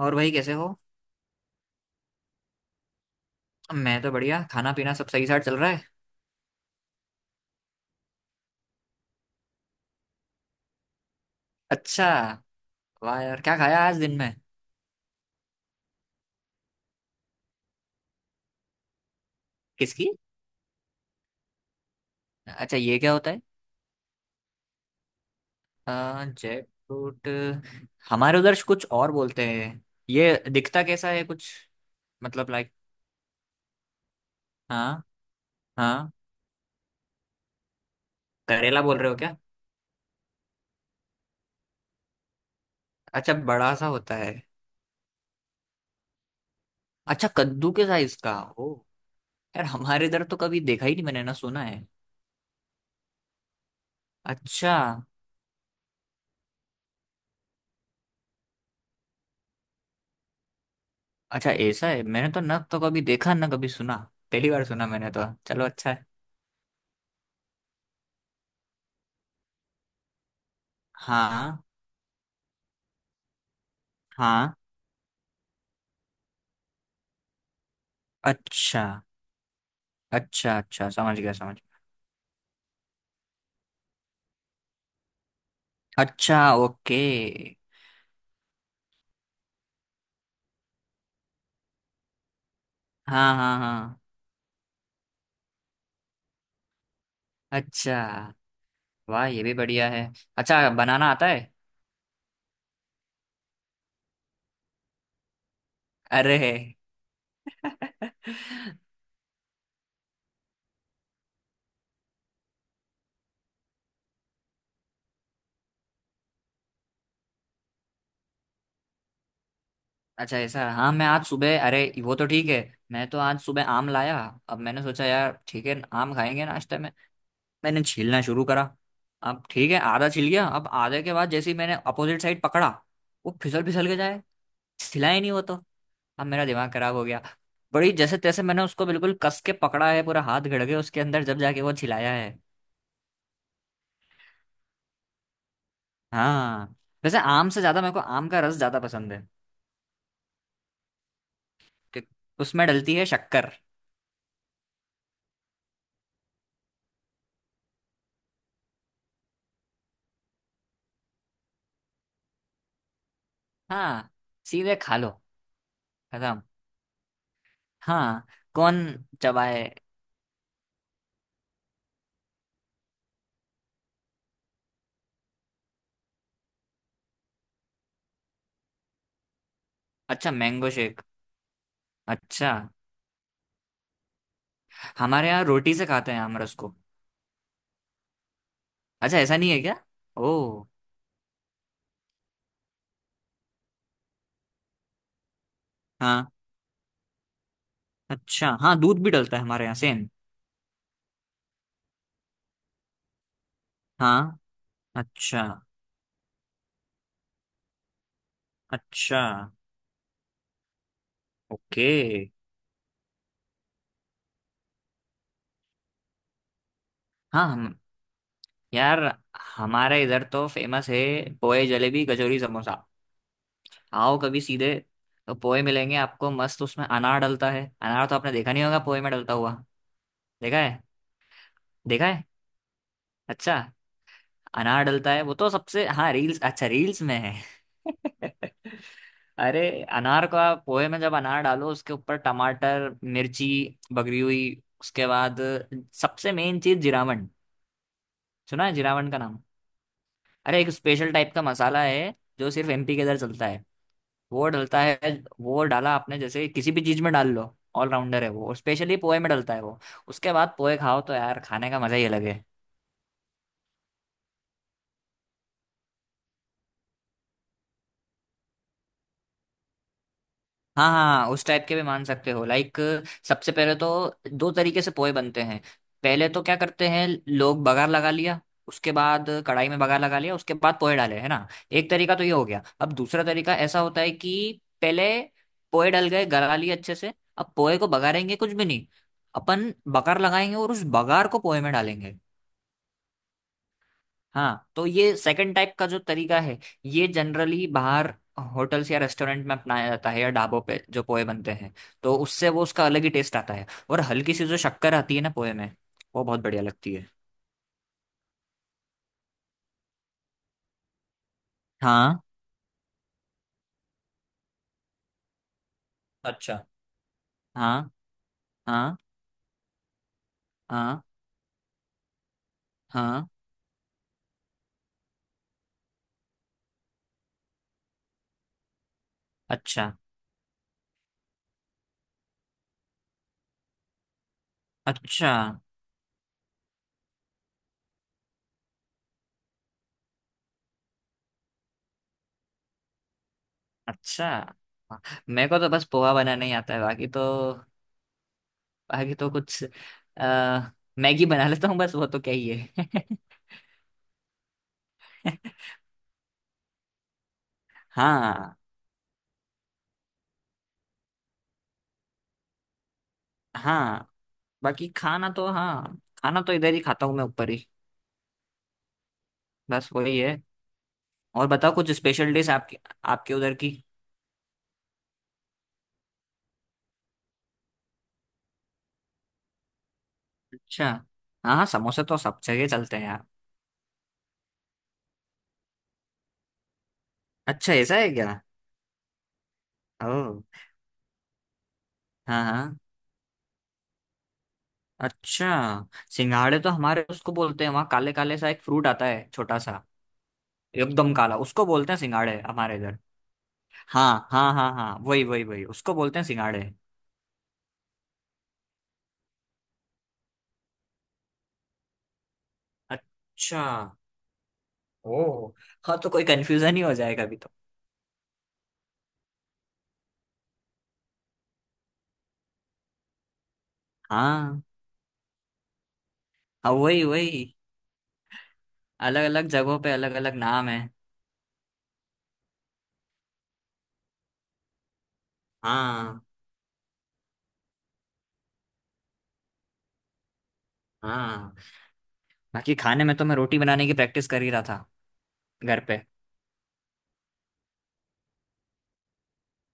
और भाई कैसे हो? मैं तो बढ़िया। खाना पीना सब सही साथ चल रहा है। अच्छा। वाह यार, क्या खाया आज दिन में? किसकी? अच्छा, ये क्या होता है? जैकफ्रूट। हमारे उधर कुछ और बोलते हैं। ये दिखता कैसा है कुछ? मतलब लाइक? हाँ। हाँ। करेला बोल रहे हो क्या? अच्छा, बड़ा सा होता है। अच्छा, कद्दू के साइज का। ओ। यार हमारे इधर तो कभी देखा ही नहीं मैंने, ना सुना है। अच्छा। अच्छा, ऐसा है? मैंने तो ना तो कभी देखा, ना कभी सुना। पहली बार सुना मैंने तो। चलो, अच्छा। हाँ, हाँ। अच्छा। अच्छा। अच्छा, समझ गया समझ गया। अच्छा, ओके। हाँ, हाँ, हाँ। अच्छा। वाह, ये भी बढ़िया है। अच्छा, बनाना आता है? अरे। अच्छा, ऐसा? हाँ, मैं आज सुबह, अरे वो तो ठीक है। मैं तो आज सुबह आम लाया। अब मैंने सोचा, यार ठीक है, आम खाएंगे नाश्ते में। मैंने छीलना शुरू करा। अब ठीक है, आधा छिल गया। अब आधे के बाद जैसे ही मैंने अपोजिट साइड पकड़ा, वो फिसल फिसल के हिला ही नहीं वो तो। अब मेरा दिमाग खराब हो गया। बड़ी जैसे तैसे मैंने उसको बिल्कुल कस के पकड़ा है, पूरा हाथ घड़ के उसके अंदर जब जाके वो छिलाया है। हाँ। वैसे आम से ज्यादा मेरे को आम का रस ज्यादा पसंद है। कि उसमें डलती है शक्कर। हाँ, सीधे खा लो। खत्म। हाँ। कौन चबाए? अच्छा, मैंगो शेक। अच्छा। हमारे यहाँ रोटी से खाते हैं आम रस को। अच्छा, ऐसा नहीं है क्या? ओ। हाँ। अच्छा, हाँ दूध भी डलता है हमारे यहाँ, सेम। हाँ। अच्छा। अच्छा, ओके। हाँ, हम। यार हमारे इधर तो फेमस है। पोए, जलेबी, कचौरी, समोसा। आओ कभी सीधे। तो पोए मिलेंगे आपको मस्त, उसमें अनार डलता है। अनार तो आपने देखा नहीं होगा पोए में डलता हुआ। देखा है? देखा है? अच्छा। अनार डलता है वो तो सबसे, हाँ, रील्स। अच्छा, रील्स में है। अरे, अनार को आप पोहे में जब अनार डालो, उसके ऊपर टमाटर मिर्ची बगरी हुई, उसके बाद सबसे मेन चीज जिरावन। सुना है जिरावन का नाम? अरे, एक स्पेशल टाइप का मसाला है। जो सिर्फ एमपी के इधर चलता है। वो डलता है। वो डाला आपने, जैसे किसी भी चीज में डाल लो, ऑलराउंडर है वो, और स्पेशली पोहे में डलता है वो। उसके बाद पोहे खाओ तो यार, खाने का मजा ही अलग है। हाँ, हाँ, हाँ, उस टाइप के भी मान सकते हो लाइक। सबसे पहले तो दो तरीके से पोहे बनते हैं। पहले तो क्या करते हैं, लोग बघार लगा लिया। उसके बाद कढ़ाई में बघार लगा लिया, उसके बाद पोहे डाले, है ना? एक तरीका तो ये हो गया। अब दूसरा तरीका ऐसा होता है कि पहले पोहे डल गए, गला लिए अच्छे से। अब पोहे को बघारेंगे कुछ भी नहीं, अपन बघार लगाएंगे और उस बघार को पोहे में डालेंगे। हाँ, तो ये सेकंड टाइप का जो तरीका है, ये जनरली बाहर होटल्स या रेस्टोरेंट में अपनाया जाता है, या ढाबों पे जो पोहे बनते हैं, तो उससे वो उसका अलग ही टेस्ट आता है। और हल्की सी जो शक्कर आती है ना पोहे में, वो बहुत बढ़िया लगती है। हाँ। अच्छा। हाँ, हाँ, हाँ, हाँ। अच्छा। अच्छा। अच्छा, हाँ। मेरे को तो बस पोहा बनाना ही आता है, बाकी तो, बाकी तो कुछ अ, मैगी बना लेता हूँ बस, वो तो क्या ही है। हाँ। हाँ, बाकी खाना तो हाँ, खाना तो इधर ही खाता हूँ मैं, ऊपर ही। बस वही है। और बताओ कुछ स्पेशल डिश आपके आपके उधर की। अच्छा। हाँ, हाँ, समोसे तो सब जगह चलते हैं यार। अच्छा, ऐसा है क्या? ओह। हाँ, हाँ। अच्छा, सिंघाड़े तो हमारे उसको बोलते हैं वहाँ, काले काले सा एक फ्रूट आता है छोटा सा, एकदम काला, उसको बोलते हैं सिंघाड़े हमारे इधर। हाँ, हाँ, हाँ, हाँ, वही वही वही उसको बोलते हैं सिंघाड़े। अच्छा। ओह। हाँ, तो कोई कंफ्यूजन ही हो जाए कभी तो। हाँ, हाँ, वही वही। अलग अलग जगहों पे अलग अलग नाम है। हाँ, हाँ। बाकी खाने में तो मैं रोटी बनाने की प्रैक्टिस कर ही रहा था घर पे।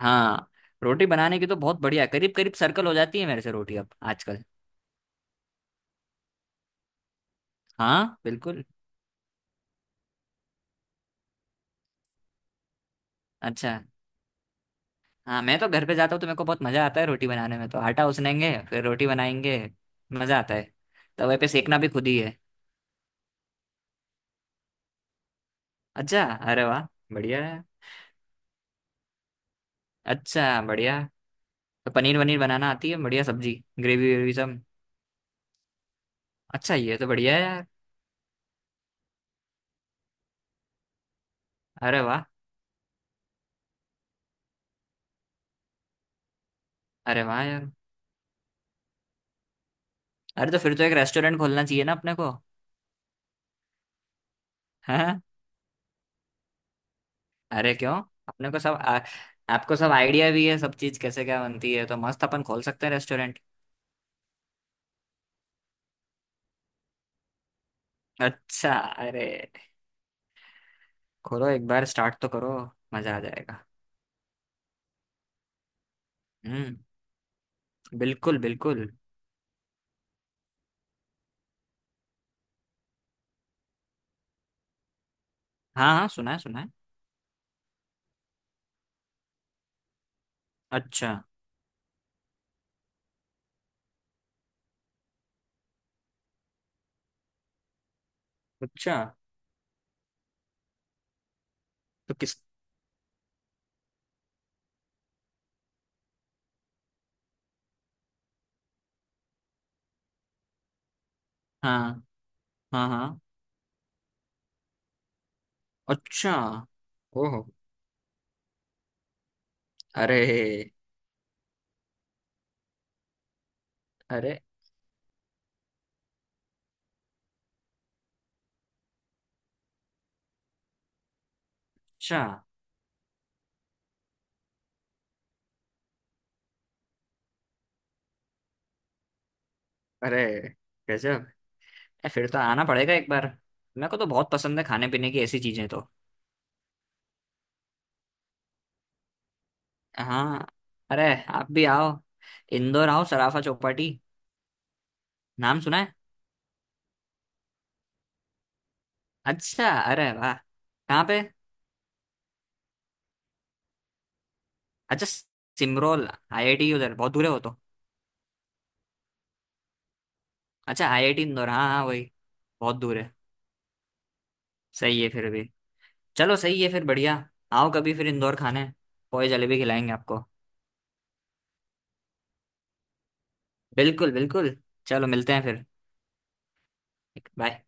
हाँ। रोटी बनाने की तो बहुत बढ़िया है, करीब करीब सर्कल हो जाती है मेरे से रोटी अब आजकल। हाँ, बिल्कुल। अच्छा। हाँ, मैं तो घर पे जाता हूँ तो मेरे को बहुत मजा आता है रोटी बनाने में, तो आटा उसनेंगे फिर रोटी बनाएंगे। मजा आता है। तवे पे सेकना भी खुद ही है। अच्छा, अरे वाह, बढ़िया है। अच्छा, बढ़िया। तो पनीर वनीर बनाना आती है, बढ़िया सब्जी? ग्रेवी वेवी सब? अच्छा, ये तो बढ़िया है यार। अरे वाह। अरे वाह यार। अरे, तो फिर तो एक रेस्टोरेंट खोलना चाहिए ना अपने को। हैं? अरे क्यों? अपने को सब आपको सब आइडिया भी है सब चीज कैसे क्या बनती है, तो मस्त अपन खोल सकते हैं रेस्टोरेंट। अच्छा, अरे। खोलो, एक बार स्टार्ट तो करो। मजा आ जाएगा। हम्म। बिल्कुल, बिल्कुल। हाँ, हाँ, सुना है, सुना है। अच्छा। अच्छा। तो किस? हाँ, हाँ, हाँ। अच्छा। ओहो। अरे। अरे। अच्छा। अरे, गजब। फिर तो आना पड़ेगा एक बार। मेरे को तो बहुत पसंद है खाने पीने की ऐसी चीजें तो। हाँ। अरे, आप भी आओ। इंदौर आओ, सराफा चौपाटी। नाम सुना है? अच्छा, अरे वाह, कहाँ पे? अच्छा, सिमरोल। आईआईटी उधर बहुत दूर है वो तो। अच्छा, आईआईटी इंदौर। हाँ, हाँ, वही। बहुत दूर है। सही है फिर भी। चलो, सही है फिर बढ़िया। आओ कभी फिर इंदौर खाने, पोए जलेबी खिलाएंगे आपको। बिल्कुल, बिल्कुल। चलो, मिलते हैं फिर। बाय।